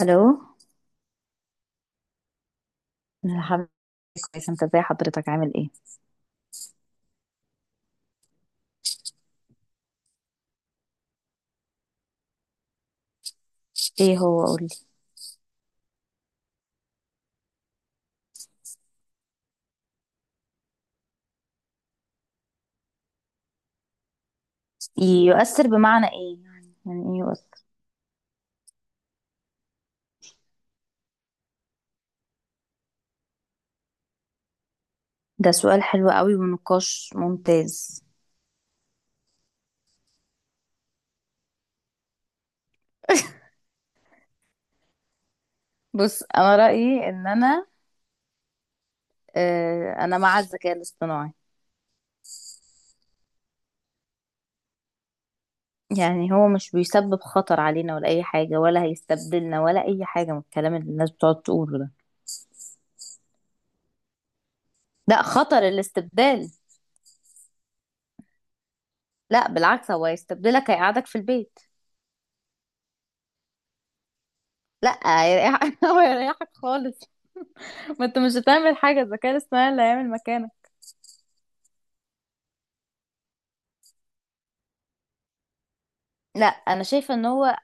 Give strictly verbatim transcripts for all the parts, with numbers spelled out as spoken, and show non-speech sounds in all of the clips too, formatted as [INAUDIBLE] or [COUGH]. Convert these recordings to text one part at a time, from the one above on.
الو. أنا الحمد لله كويس، انت ازاي حضرتك؟ عامل ايه؟ ايه هو قولي. يؤثر بمعنى ايه؟ يعني يعني ايه يؤثر؟ ده سؤال حلو قوي ونقاش ممتاز. بص، انا رأيي ان انا آه انا مع الذكاء الاصطناعي. يعني هو مش بيسبب خطر علينا ولا اي حاجة، ولا هيستبدلنا ولا اي حاجة من الكلام اللي الناس بتقعد تقوله ده. لا، خطر الاستبدال؟ لا بالعكس، هو هيستبدلك هيقعدك في البيت. لا هيريح- [LAUGHS] هو هيريحك خالص. ما انت مش هتعمل حاجة، الذكاء الاصطناعي اللي هيعمل مكانك. لا انا شايفه ان هو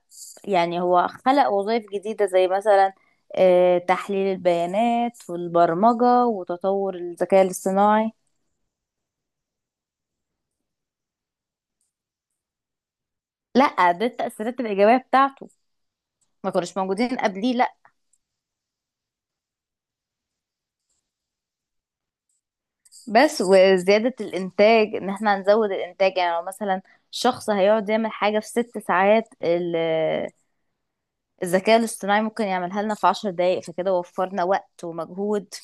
يعني هو خلق وظائف جديده، زي مثلا آه، تحليل البيانات والبرمجه وتطور الذكاء الاصطناعي. لا، ده التاثيرات الايجابيه بتاعته. ما كناش موجودين قبليه، لا. بس وزياده الانتاج، ان احنا هنزود الانتاج. يعني لو مثلا شخص هيقعد يعمل حاجه في ست ساعات، ال- الذكاء الاصطناعي ممكن يعملها لنا في عشر دقايق، فكده وفرنا وقت ومجهود.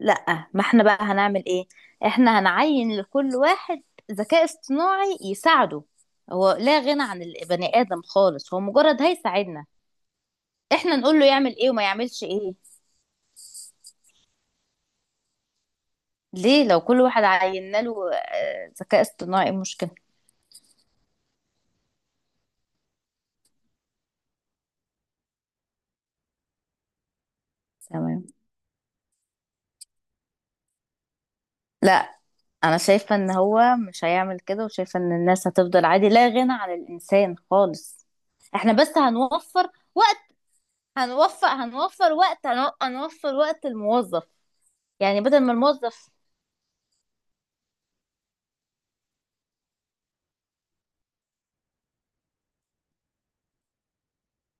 لا، ما احنا بقى هنعمل ايه؟ احنا هنعين لكل واحد ذكاء اصطناعي يساعده. هو لا غنى عن البني ادم خالص، هو مجرد هيساعدنا. احنا نقول له يعمل ايه وما يعملش ايه. ليه؟ لو كل واحد عينا له آه، ذكاء اصطناعي، إيه المشكله؟ تمام. لا انا شايفه ان هو مش هيعمل كده، وشايفه ان الناس هتفضل عادي، لا غنى عن الانسان خالص. احنا بس هنوفر وقت، هنوفر هنوفر وقت، هنو- هنوفر وقت الموظف. يعني بدل ما الموظف،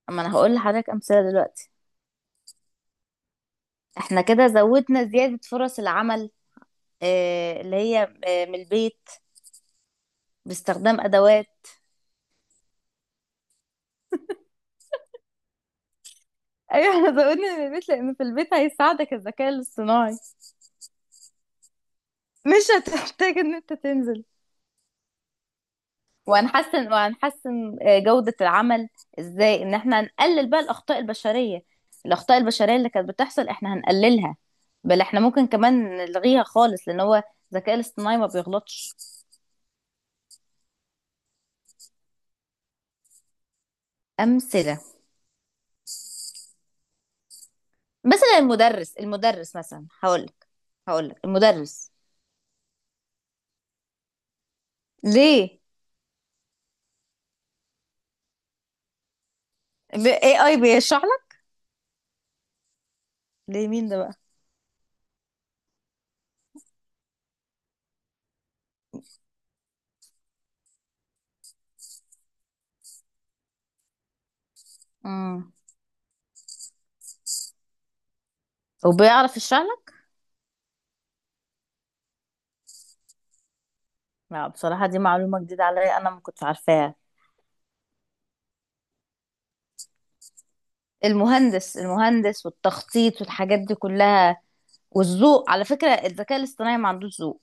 اما انا هقول لحضرتك امثله دلوقتي. احنا كده زودنا زياده فرص العمل، آه، اللي هي آه، من البيت باستخدام ادوات. ايوه احنا زودنا من البيت، لان في البيت هيساعدك الذكاء الاصطناعي، مش هتحتاج ان انت تنزل. وهنحسن وهنحسن آه، جوده العمل. ازاي؟ ان احنا هنقلل بقى الاخطاء البشريه. الاخطاء البشريه اللي كانت بتحصل احنا هنقللها، بل احنا ممكن كمان نلغيها خالص، لان هو الذكاء الاصطناعي ما بيغلطش. امثله؟ مثلا المدرس المدرس مثلا، هقولك هقولك المدرس. ليه؟ ب- إيه آي بيشرح لك؟ ليه، مين ده بقى؟ امم وبيعرف يشرح لك؟ لا بصراحة دي معلومة جديدة عليا، أنا ما كنتش عارفاها. المهندس المهندس والتخطيط والحاجات دي كلها، والذوق. على فكرة، الذكاء الاصطناعي ما عندوش ذوق.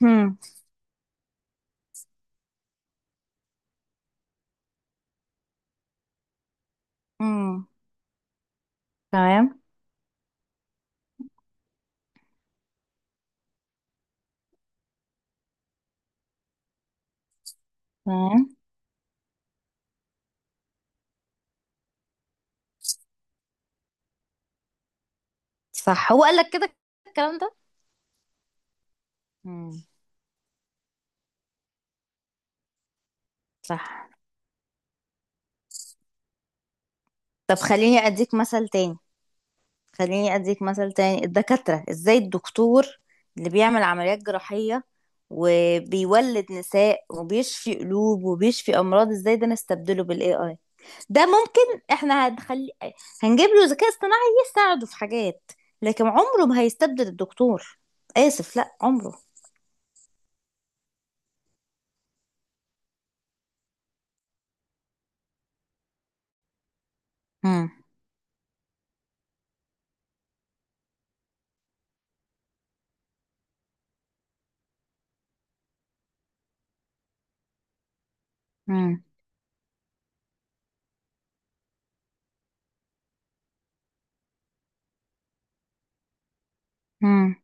هم. هم. تمام. تمام. صح، هو قال لك كده الكلام ده؟ امم. صح. طب خليني أديك مثل تاني. خليني اديك مثل تاني، الدكاترة ازاي؟ الدكتور اللي بيعمل عمليات جراحية وبيولد نساء وبيشفي قلوب وبيشفي امراض، ازاي ده نستبدله بالاي اي؟ ده ممكن احنا هنخلي، هنجيب له ذكاء اصطناعي يساعده في حاجات، لكن عمره ما هيستبدل الدكتور. اسف، لا عمره. مم. مم. مم.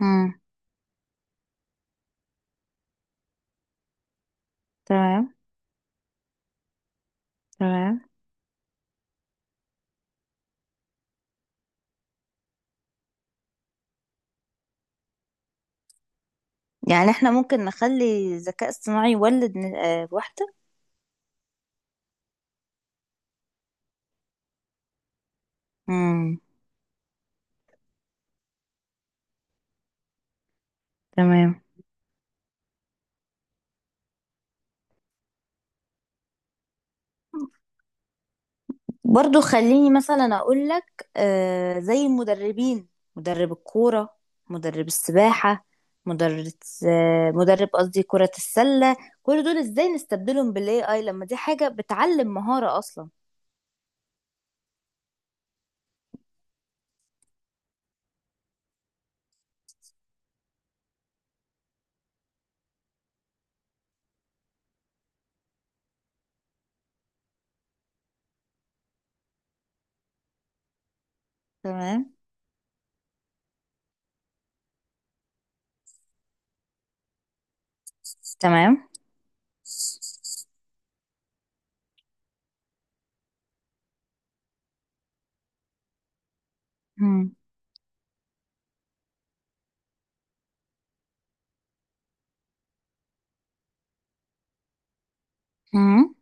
مم. تمام. تمام. يعني احنا ممكن نخلي ذكاء اصطناعي يولد ن- آه، واحدة؟ مم. تمام. برضو خليني مثلا اقول لك آه زي المدربين، مدرب الكورة، مدرب السباحة، مدرب، آه مدرب قصدي كرة السلة، كل دول ازاي نستبدلهم بالاي اي لما دي حاجة بتعلم مهارة اصلا؟ تمام. تمام. مم. مم.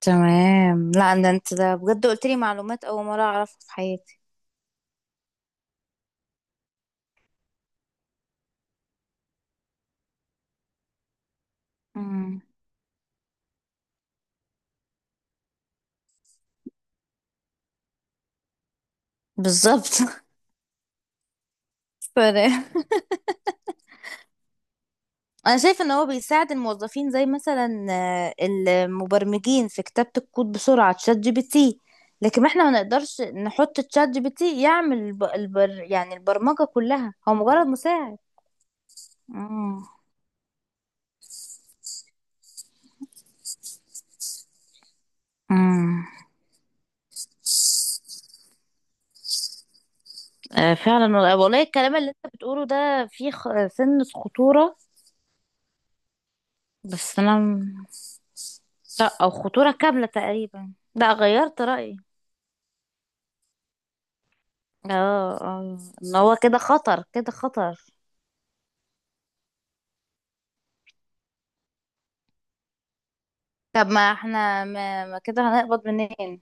تمام. لا ده انت ده بجد قلت لي معلومات اول مرة اعرفها في حياتي. مم. بالظبط. [LAUGHS] انا شايف ان هو بيساعد الموظفين، زي مثلا آه، المبرمجين في كتابة الكود بسرعة تشات جي بي تي، لكن احنا ما نقدرش نحط تشات جي بي تي يعمل الب... البر... يعني البرمجة كلها، هو مجرد مساعد. مم. مم. آه، فعلا والله، والله الكلام اللي انت بتقوله ده فيه خ... سن خطورة. بس انا م- لا او خطورة كاملة تقريبا، لا غيرت رأيي. اه اه، ان هو كده خطر، كده خطر. طب ما احنا ما, ما كده هنقبض منين؟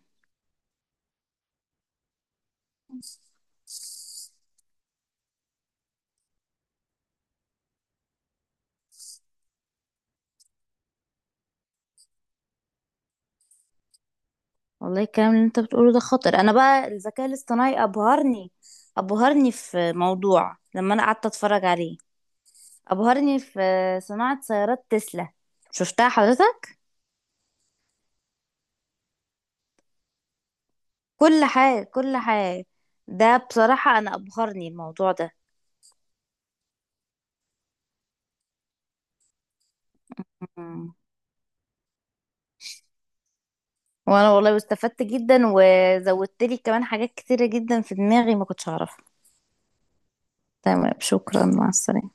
والله الكلام اللي انت بتقوله ده خطر. انا بقى الذكاء الاصطناعي ابهرني، ابهرني في موضوع لما انا قعدت اتفرج عليه، ابهرني في صناعة سيارات تسلا. شفتها حضرتك؟ كل حاجة، كل حاجة. ده بصراحة انا ابهرني الموضوع ده. مم. وانا والله استفدت جدا، وزودت لي كمان حاجات كتيرة جدا في دماغي ما كنتش اعرفها. تمام، شكرا، مع السلامة.